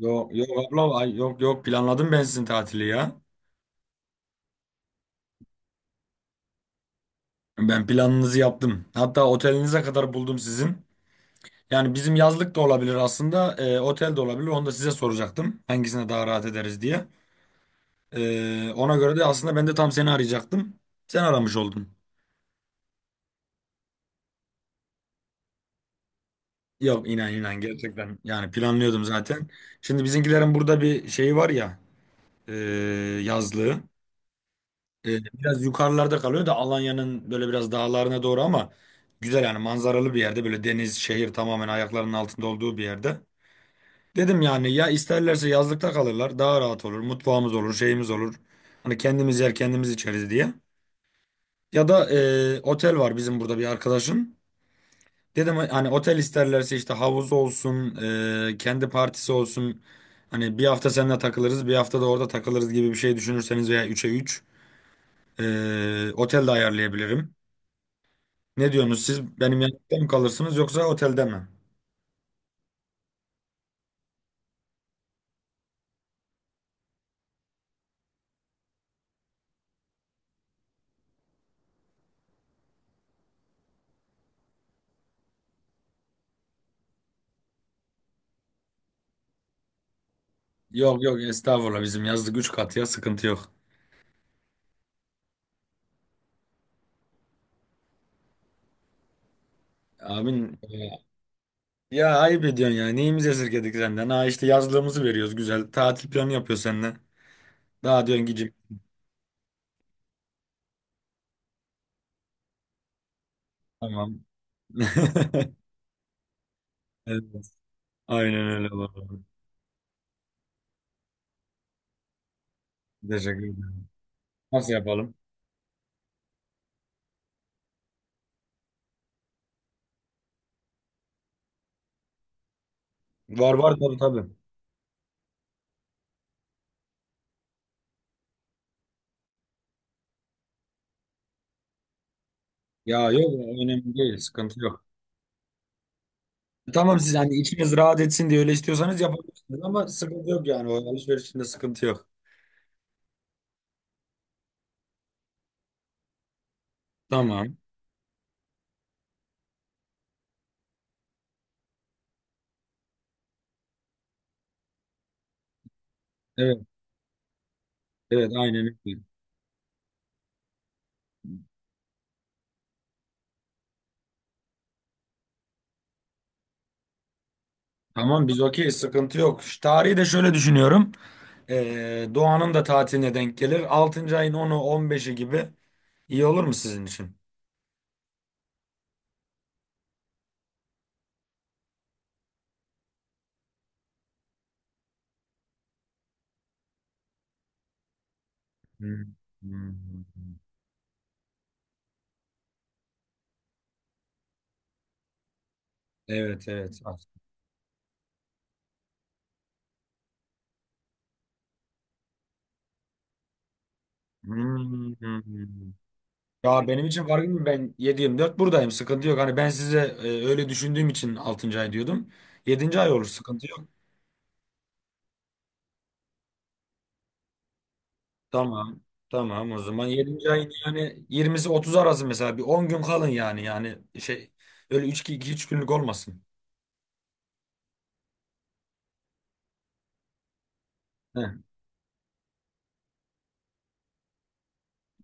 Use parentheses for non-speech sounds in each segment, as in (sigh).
Yok yok abla, yok yok planladım ben sizin tatili ya. Ben planınızı yaptım. Hatta otelinize kadar buldum sizin. Yani bizim yazlık da olabilir aslında, otel de olabilir. Onu da size soracaktım. Hangisine daha rahat ederiz diye. Ona göre de aslında ben de tam seni arayacaktım. Sen aramış oldun. Yok, inan inan gerçekten. Yani planlıyordum zaten. Şimdi bizimkilerin burada bir şeyi var ya, e, yazlığı. Biraz yukarılarda kalıyor da, Alanya'nın böyle biraz dağlarına doğru, ama güzel yani, manzaralı bir yerde, böyle deniz, şehir tamamen ayaklarının altında olduğu bir yerde. Dedim yani, ya isterlerse yazlıkta kalırlar, daha rahat olur, mutfağımız olur, şeyimiz olur, hani kendimiz yer kendimiz içeriz diye. Ya da otel var bizim burada bir arkadaşın. Dedim hani, otel isterlerse işte havuz olsun, kendi partisi olsun, hani bir hafta seninle takılırız bir hafta da orada takılırız gibi bir şey düşünürseniz, veya 3'e 3 otel de ayarlayabilirim. Ne diyorsunuz, siz benim yanımda mı kalırsınız yoksa otelde mi? Yok yok, estağfurullah, bizim yazlık 3 kat ya, sıkıntı yok. Abin, ya ayıp ediyorsun ya, neyimizi esirgedik senden, ha, işte yazlığımızı veriyoruz, güzel tatil planı yapıyor seninle. Daha diyorsun ki tamam. (laughs) Evet. Aynen öyle vallahi. Teşekkür ederim. Nasıl yapalım? Var var, tabii tabii. Ya yok, önemli değil, sıkıntı yok. Tamam, siz hani içiniz rahat etsin diye öyle istiyorsanız yapabilirsiniz, ama sıkıntı yok yani, o alışverişinde sıkıntı yok. Tamam. Evet. Evet, aynen öyle. Tamam, biz okeyiz, sıkıntı yok. Şu tarihi de şöyle düşünüyorum. Doğan'ın da tatiline denk gelir. 6. ayın 10'u 15'i gibi iyi olur mu sizin için? Hmm, hmm, hmm. Evet evet. Hmm, hmm, hmm. Ya benim için fark etmiyor. Ben 7-24 buradayım, sıkıntı yok. Hani ben size öyle düşündüğüm için 6. ay diyordum. Yedinci ay olur, sıkıntı yok. Tamam. Tamam, o zaman 7. ayın yani 20'si 30 arası, mesela bir 10 gün kalın, yani şey, öyle 3 2 3 günlük olmasın. Heh,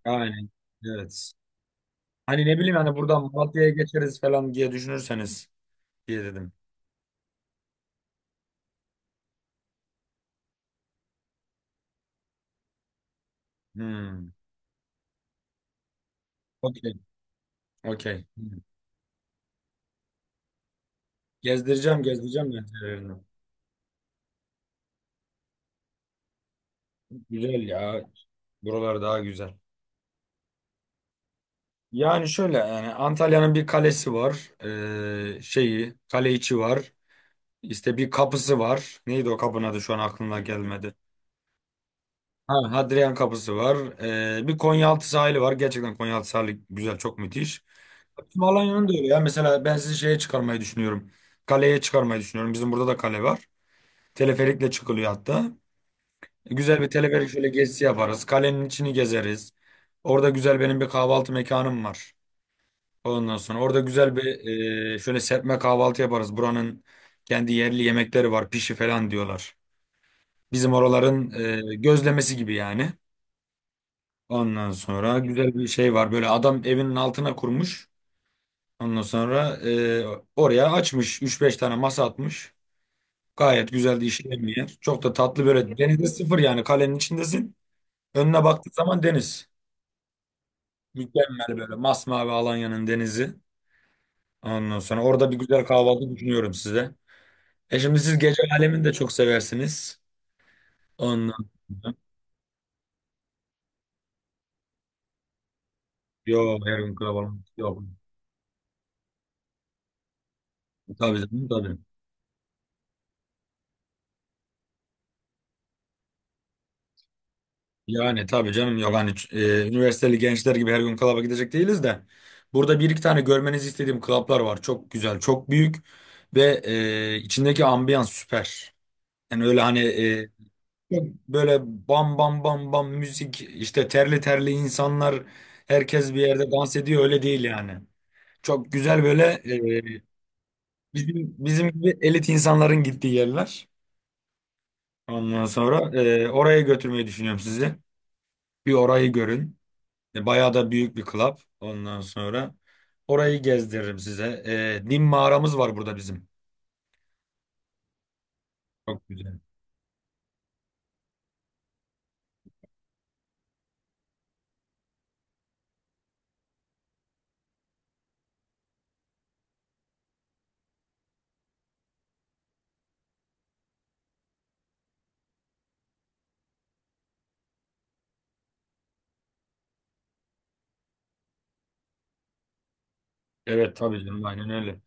aynen. Evet. Hani ne bileyim, hani buradan Malatya'ya geçeriz falan diye düşünürseniz diye dedim. Hmm. Okey. Okey. Hmm. Gezdireceğim, gezdireceğim ben yerlerini. Güzel ya. Buralar daha güzel. Yani şöyle yani, Antalya'nın bir kalesi var. Şeyi, kale içi var. İşte bir kapısı var. Neydi o kapının adı, şu an aklımda gelmedi. Ha, Hadrian Kapısı var. Bir Konyaaltı sahili var. Gerçekten Konyaaltı sahili güzel, çok müthiş. Bizim Alanya'nın da öyle ya. Mesela ben sizi şeye çıkarmayı düşünüyorum. Kaleye çıkarmayı düşünüyorum. Bizim burada da kale var. Teleferikle çıkılıyor hatta. Güzel bir teleferik şöyle gezisi yaparız. Kalenin içini gezeriz. Orada güzel benim bir kahvaltı mekanım var. Ondan sonra orada güzel bir şöyle serpme kahvaltı yaparız. Buranın kendi yerli yemekleri var. Pişi falan diyorlar. Bizim oraların gözlemesi gibi yani. Ondan sonra güzel bir şey var. Böyle adam evinin altına kurmuş. Ondan sonra oraya açmış. Üç beş tane masa atmış. Gayet güzel de işleyen bir yer. Çok da tatlı böyle. Denizde sıfır yani, kalenin içindesin. Önüne baktığın zaman deniz. Mükemmel, böyle masmavi Alanya'nın denizi. Ondan sonra orada bir güzel kahvaltı düşünüyorum size. E şimdi siz gece alemini de çok seversiniz. Ondan sonra. Yo, her gün kahvaltı. Yok. Tabii canım tabii. Yani tabii canım, yok hani üniversiteli gençler gibi her gün klaba gidecek değiliz de, burada bir iki tane görmenizi istediğim klaplar var. Çok güzel, çok büyük ve içindeki ambiyans süper. Yani öyle hani, çok böyle bam bam bam bam müzik, işte terli terli insanlar herkes bir yerde dans ediyor, öyle değil yani. Çok güzel böyle, bizim gibi elit insanların gittiği yerler. Ondan sonra oraya götürmeyi düşünüyorum sizi. Bir orayı görün. Bayağı da büyük bir club. Ondan sonra orayı gezdiririm size. Nim mağaramız var burada bizim. Çok güzel. Evet, tabii canım, aynen öyle.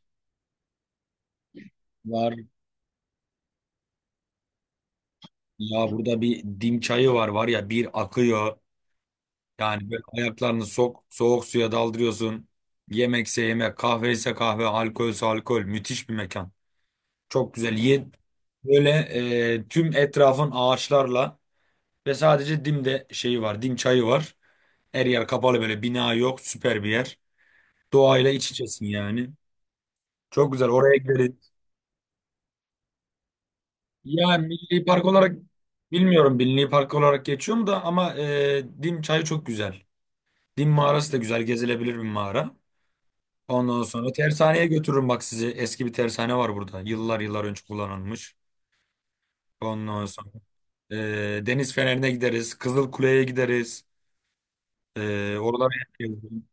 Var ya, burada bir dim çayı var, var ya, bir akıyor. Yani böyle ayaklarını sok, soğuk suya daldırıyorsun. Yemekse yemek, kahve ise kahve, alkolse alkol. Müthiş bir mekan. Çok güzel. Böyle tüm etrafın ağaçlarla, ve sadece dimde şeyi var. Dim çayı var. Her yer kapalı, böyle bina yok. Süper bir yer. Doğayla iç içesin yani. Çok güzel, oraya gideriz. Ya, milli park olarak bilmiyorum milli park olarak geçiyor mu da, ama Dim Çayı çok güzel. Dim mağarası da güzel, gezilebilir bir mağara. Ondan sonra tersaneye götürürüm bak sizi. Eski bir tersane var burada. Yıllar yıllar önce kullanılmış. Ondan sonra e, Deniz Feneri'ne gideriz. Kızıl Kule'ye gideriz. Oralara hep gezdim.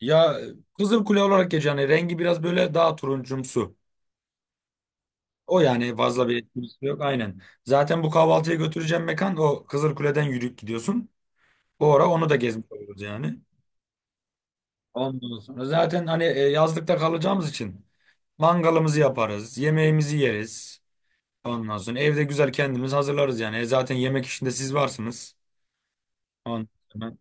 Ya, Kızıl Kule olarak geçiyor. Yani rengi biraz böyle daha turuncumsu. O yani, fazla bir etkisi yok, aynen. Zaten bu kahvaltıya götüreceğim mekan, o Kızılkule'den yürüyüp gidiyorsun. Bu ara onu da gezmiş oluruz yani. Ondan sonra zaten, hani yazlıkta kalacağımız için mangalımızı yaparız, yemeğimizi yeriz. Ondan sonra evde güzel kendimiz hazırlarız yani. Zaten yemek işinde siz varsınız. Ondan sonra,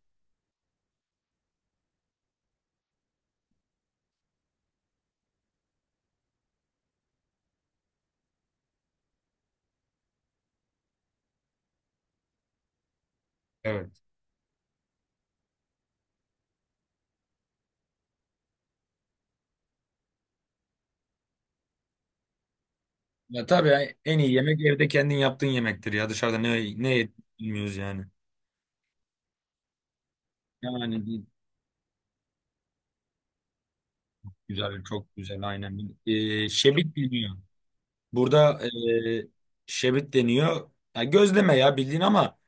evet. Ya tabii ya, en iyi yemek evde kendin yaptığın yemektir ya. Dışarıda ne ne yediğimizi bilmiyoruz yani. Yani güzel, çok güzel, aynen. Şebit bilmiyor. Burada şebit deniyor. Ya gözleme ya, bildiğin, ama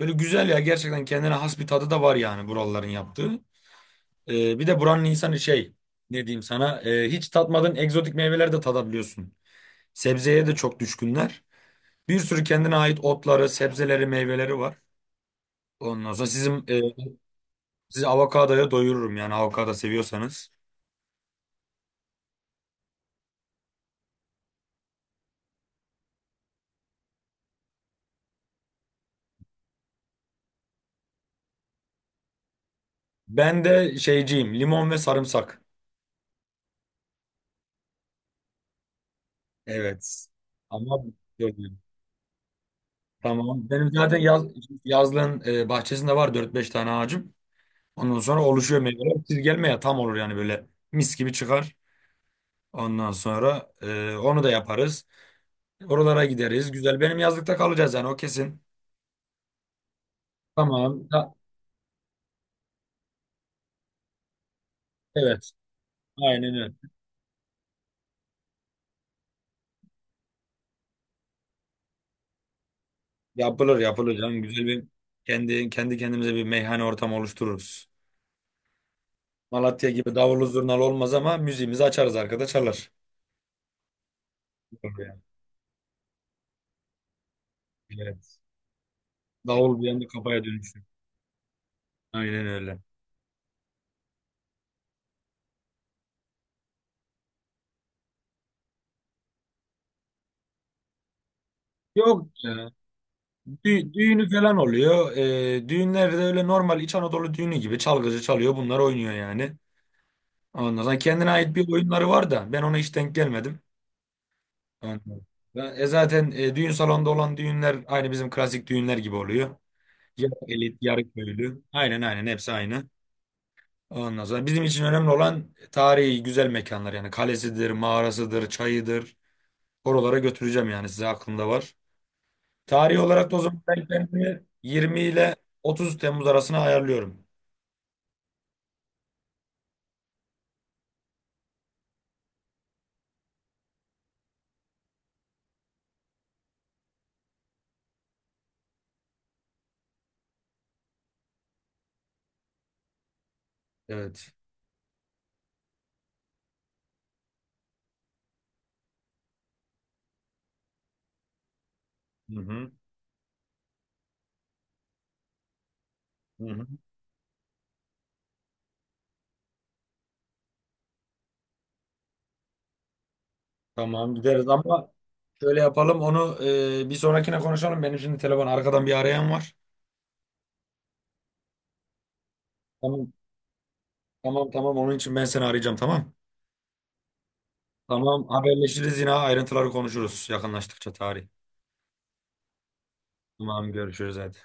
böyle güzel ya, gerçekten kendine has bir tadı da var yani buraların yaptığı. Bir de buranın insanı, şey, ne diyeyim sana, hiç tatmadığın egzotik meyveler de tadabiliyorsun. Sebzeye de çok düşkünler. Bir sürü kendine ait otları, sebzeleri, meyveleri var. Ondan sonra sizi avokadoya doyururum yani, avokado seviyorsanız. Ben de şeyciyim, limon ve sarımsak. Evet. Ama tamam. Benim zaten yazlığın bahçesinde var dört beş tane ağacım. Ondan sonra oluşuyor meyveler. Siz gelmeye tam olur yani, böyle mis gibi çıkar. Ondan sonra onu da yaparız. Oralara gideriz. Güzel. Benim yazlıkta kalacağız yani, o kesin. Tamam. Da, evet. Aynen öyle. Yapılır yapılır canım. Güzel bir kendi kendimize bir meyhane ortamı oluştururuz. Malatya gibi davullu zurnalı olmaz, ama müziğimizi açarız arkada çalar. Olur yani. Evet. Davul bir anda kafaya dönüşür. Aynen öyle. Yok ya. Düğünü falan oluyor. Düğünlerde öyle normal İç Anadolu düğünü gibi çalgıcı çalıyor. Bunlar oynuyor yani. Ondan sonra kendine ait bir oyunları var da ben ona hiç denk gelmedim. Ondan sonra- E Zaten düğün salonunda olan düğünler aynı bizim klasik düğünler gibi oluyor. Yarı elit, yarı köylü. Aynen aynen hepsi aynı. Ondan sonra bizim için önemli olan tarihi güzel mekanlar yani, kalesidir, mağarasıdır, çayıdır. Oralara götüreceğim yani size, aklımda var. Tarihi olarak da o zaman ben kendimi 20 ile 30 Temmuz arasına ayarlıyorum. Evet. Hı hı. Hı hı. Tamam gideriz, ama şöyle yapalım onu, bir sonrakine konuşalım. Benim şimdi telefon, arkadan bir arayan var. Tamam tamam tamam, onun için ben seni arayacağım, tamam. Tamam, haberleşiriz yine, ayrıntıları konuşuruz yakınlaştıkça tarih. Tamam, görüşürüz hadi.